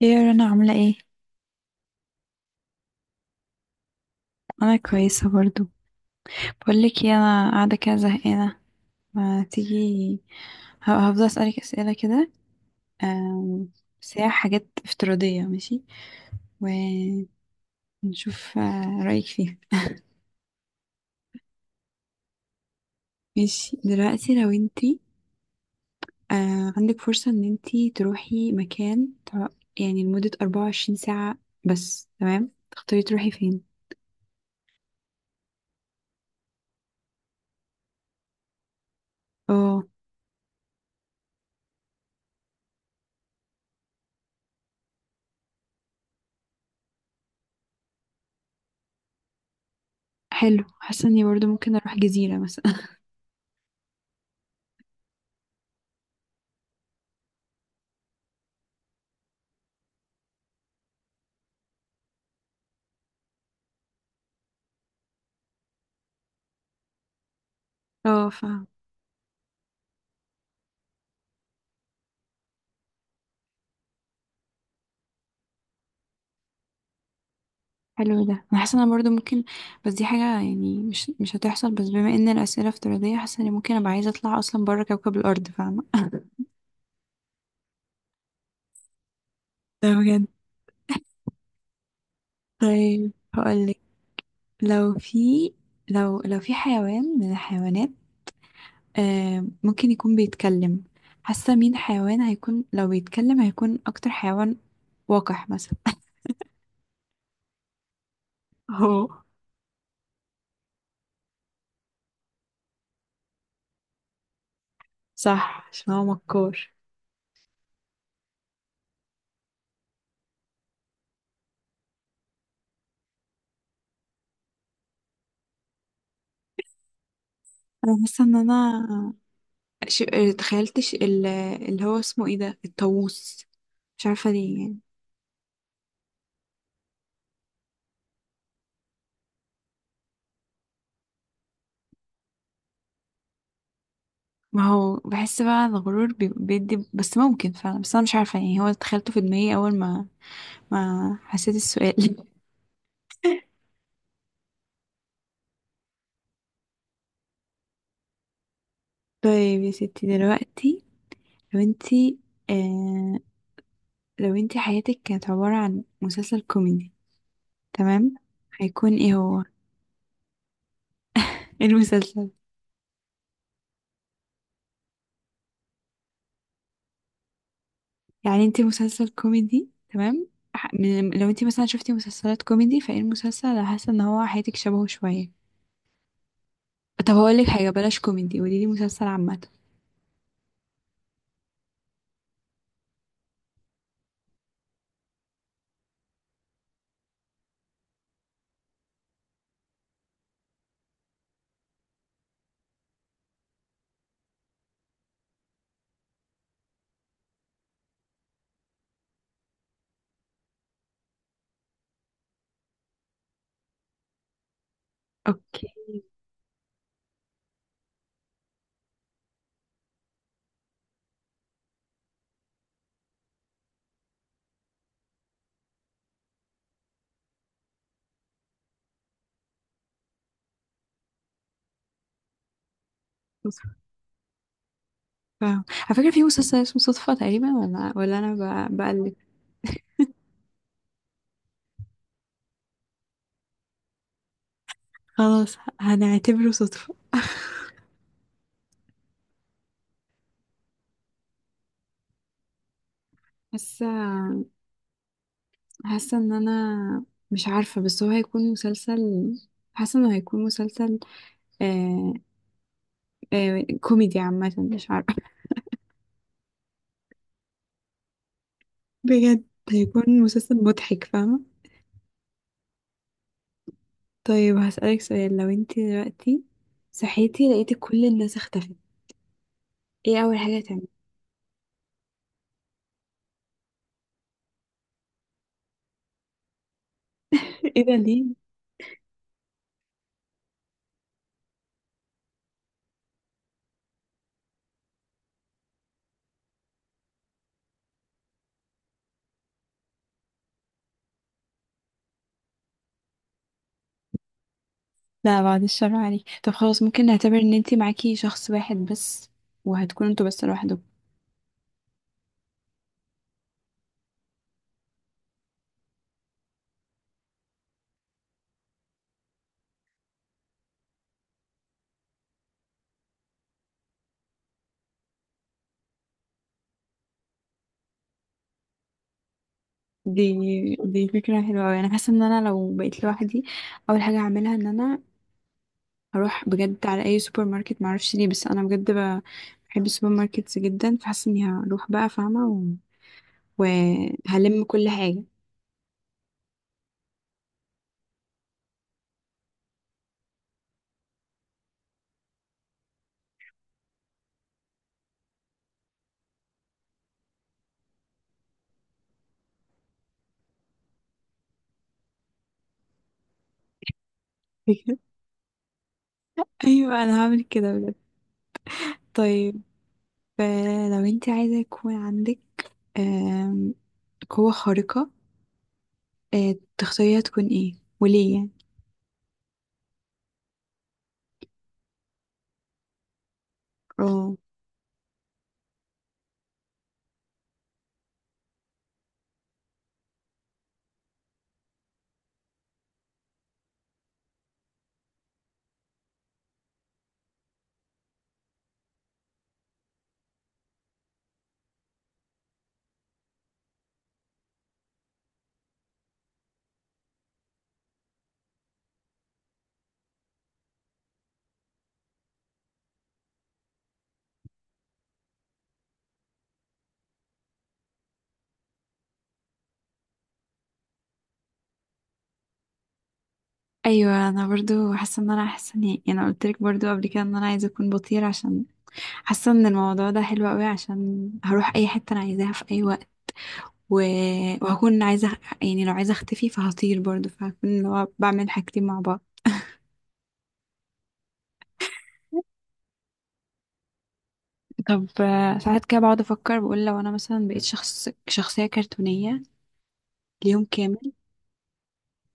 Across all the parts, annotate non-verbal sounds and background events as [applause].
يا رنا عاملة ايه؟ أنا كويسة برضو. بقولك ايه، أنا قاعدة كده زهقانة، ما تيجي هفضل أسألك أسئلة كده. آم، بس هي حاجات افتراضية، ماشي ونشوف رأيك فيها. ماشي، دلوقتي لو انتي عندك فرصة ان انتي تروحي مكان يعني لمدة 24 ساعة بس، تمام، تختاري تروحي فين؟ اه حلو، حاسة اني برضو ممكن اروح جزيرة مثلا. [laughs] اه فاهمة. حلو، ده انا حاسه انا برضو ممكن، بس دي حاجه يعني مش هتحصل، بس بما ان الاسئله افتراضيه حاسه اني ممكن ابقى عايزه اطلع اصلا بره كوكب الارض، فاهمه. [laughs] ده بجد. طيب هقولك، لو في، لو في حيوان من الحيوانات آه ممكن يكون بيتكلم، حاسه مين حيوان هيكون لو بيتكلم، هيكون اكتر حيوان وقح مثلا؟ هو صح، عشان هو مكار. انا حاسه ان انا ش... تخيلتش ال- اللي هو اسمه ايه ده الطاووس، مش عارفه ليه يعني. ما هو بحس بقى الغرور بيدي، بس ممكن فعلا، بس انا مش عارفه يعني هو تخيلته في دماغي اول ما ما حسيت السؤال. [laughs] طيب يا ستي دلوقتي، لو انتي آه لو انتي حياتك كانت عبارة عن مسلسل كوميدي، تمام، هيكون ايه هو؟ إيه المسلسل؟ يعني انتي مسلسل كوميدي، تمام، لو انتي مثلا شفتي مسلسلات كوميدي، فايه المسلسل اللي حاسة ان هو حياتك شبهه شوية؟ طب هقولك حاجة، بلاش كوميدي، قوليلي مسلسل عامة. اوكي. فاهم، على فكرة في مسلسل اسمه صدفة تقريبا، ولا أنا بقلب. خلاص هنعتبره صدفة. حاسة حاسة إن أنا مش عارفة، بس هو هيكون مسلسل، حاسة إنه هيكون مسلسل آه آه كوميدي عامة، مش عارفة. بجد هيكون مسلسل مضحك، فاهمة؟ طيب هسألك سؤال، لو انتي دلوقتي صحيتي لقيتي كل الناس اختفت، ايه أول حاجة هتعملي؟ ايه ده ليه؟ لا بعد الشر عليك. طب خلاص ممكن نعتبر ان انتي معاكي شخص واحد بس، وهتكونوا انتوا بس لوحدكم. دي فكرة حلوة اوي. انا حاسة ان انا لو بقيت لوحدي اول حاجة هعملها ان انا هروح بجد على اي سوبر ماركت، معرفش ليه بس انا بجد بحب السوبر ماركتس جدا، فحاسة اني هروح بقى فاهمة، وهلم كل حاجة. فكرة. [laughs] ايوه انا هعمل كده بجد. طيب لو انتي عايزة يكون عندك آم، قوة خارقة، تختاريها تكون ايه وليه يعني؟ اه ايوه انا برضو حاسه ان انا حاسه اني يعني، انا قلت لك برضو قبل كده ان انا عايزه اكون بطير، عشان حاسه ان الموضوع ده حلو قوي، عشان هروح اي حته انا عايزاها في اي وقت، و... وهكون عايزه يعني لو عايزه اختفي فهطير برضو، فهكون اللي هو بعمل حاجتين مع بعض. طب ساعات كده بقعد افكر، بقول لو انا مثلا بقيت شخص شخصيه كرتونيه ليوم كامل،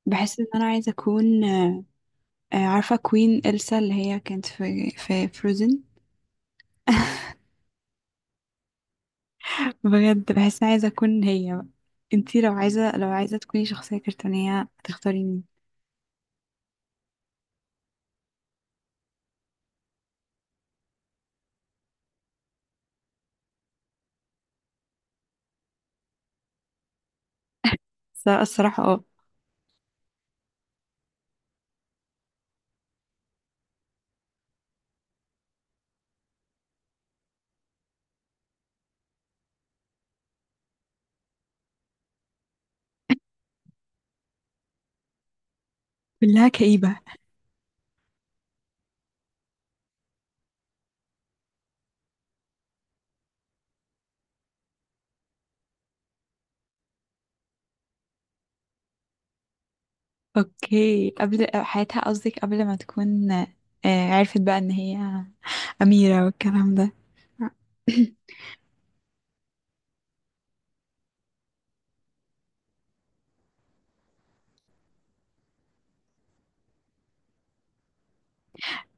بحس ان انا عايزه اكون عارفه كوين إلسا اللي هي كانت في فروزن. [laughs] بجد بحس عايزة أكون هي بقى. انتي لو عايزة، لو عايزة تكوني شخصية كرتونية هتختاري مين؟ بس أنا الصراحة اه كلها كئيبة. اوكي قبل حياتها، قصدك قبل ما تكون عرفت بقى ان هي أميرة والكلام ده. [coughs]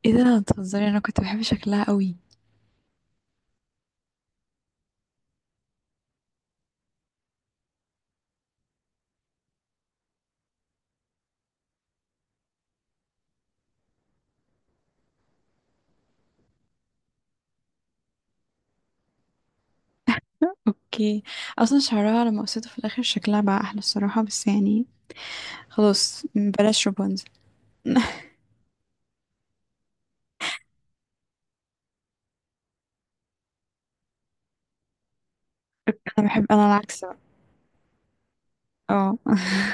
ايه ده بتهزري، انا كنت بحب شكلها قوي. اوكي اصلا شعرها لما قصيته في الاخر شكلها بقى احلى الصراحة، بس يعني خلاص بلاش رابنزل. [laughs] انا بحب، انا العكس بقى. اه [laughs]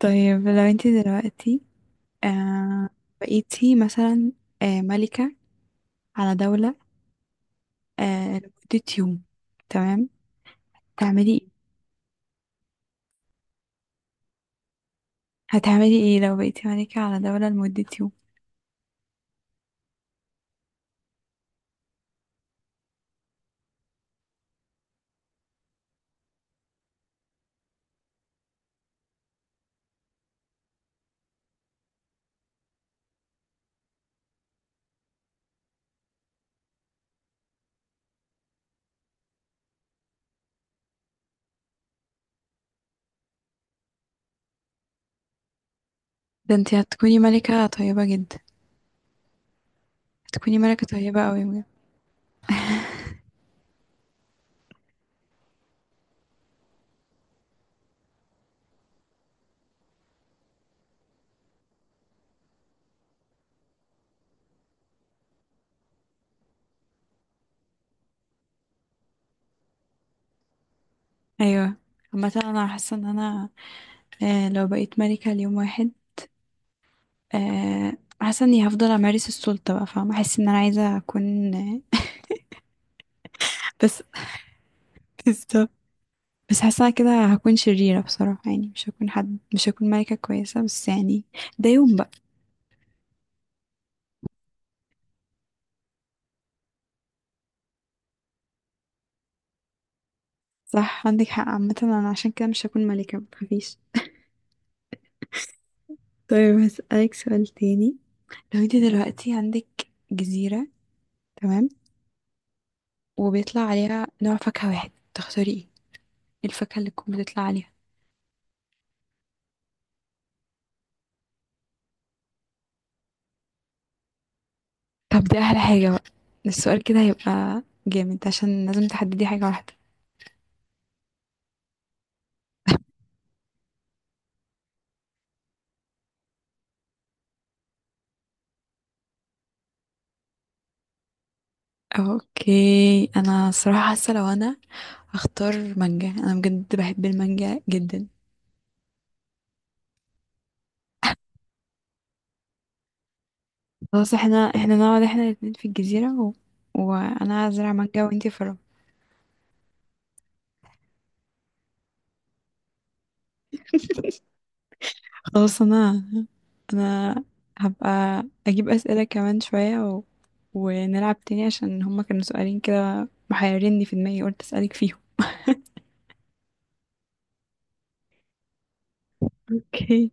طيب لو انتي دلوقتي آه بقيتي مثلا آه ملكة على دولة آه لمدة يوم، تمام، تعملي ايه؟ هتعملي ايه لو بقيتي ملكة على دولة لمدة يوم؟ ده انتي هتكوني ملكة طيبة جدا. هتكوني ملكة طيبة قوي بجد. ايوه. عامة انا حاسة ان انا آه لو بقيت ملكة ليوم واحد آه حاسة اني هفضل امارس السلطة بقى، فاهمة؟ احس ان انا عايزة اكون بس. بالظبط. بس حاسة أنا كده هكون شريرة بصراحة، يعني مش هكون حد، مش هكون ملكة كويسة، بس يعني ده يوم بقى. صح عندك حق، عامة انا عشان كده مش هكون ملكة، متخافيش. طيب هسألك سؤال تاني، لو انت دلوقتي عندك جزيرة، تمام، وبيطلع عليها نوع فاكهة واحد، تختاري ايه؟ إيه الفاكهة اللي تكون بتطلع عليها؟ طب دي احلى حاجة بقى، السؤال كده هيبقى جامد عشان لازم تحددي حاجة واحدة. اوكي انا صراحة حاسة لو انا هختار مانجا، انا بجد بحب المانجا جدا. خلاص احنا نقعد احنا الاتنين في الجزيرة وانا هزرع مانجا وانتي فرع. [laughs] خلاص انا، انا هبقى اجيب اسئله كمان شويه ونلعب تاني عشان هما كانوا سؤالين كده محيريني في دماغي، قلت اسالك فيهم. [laughs] اوكي.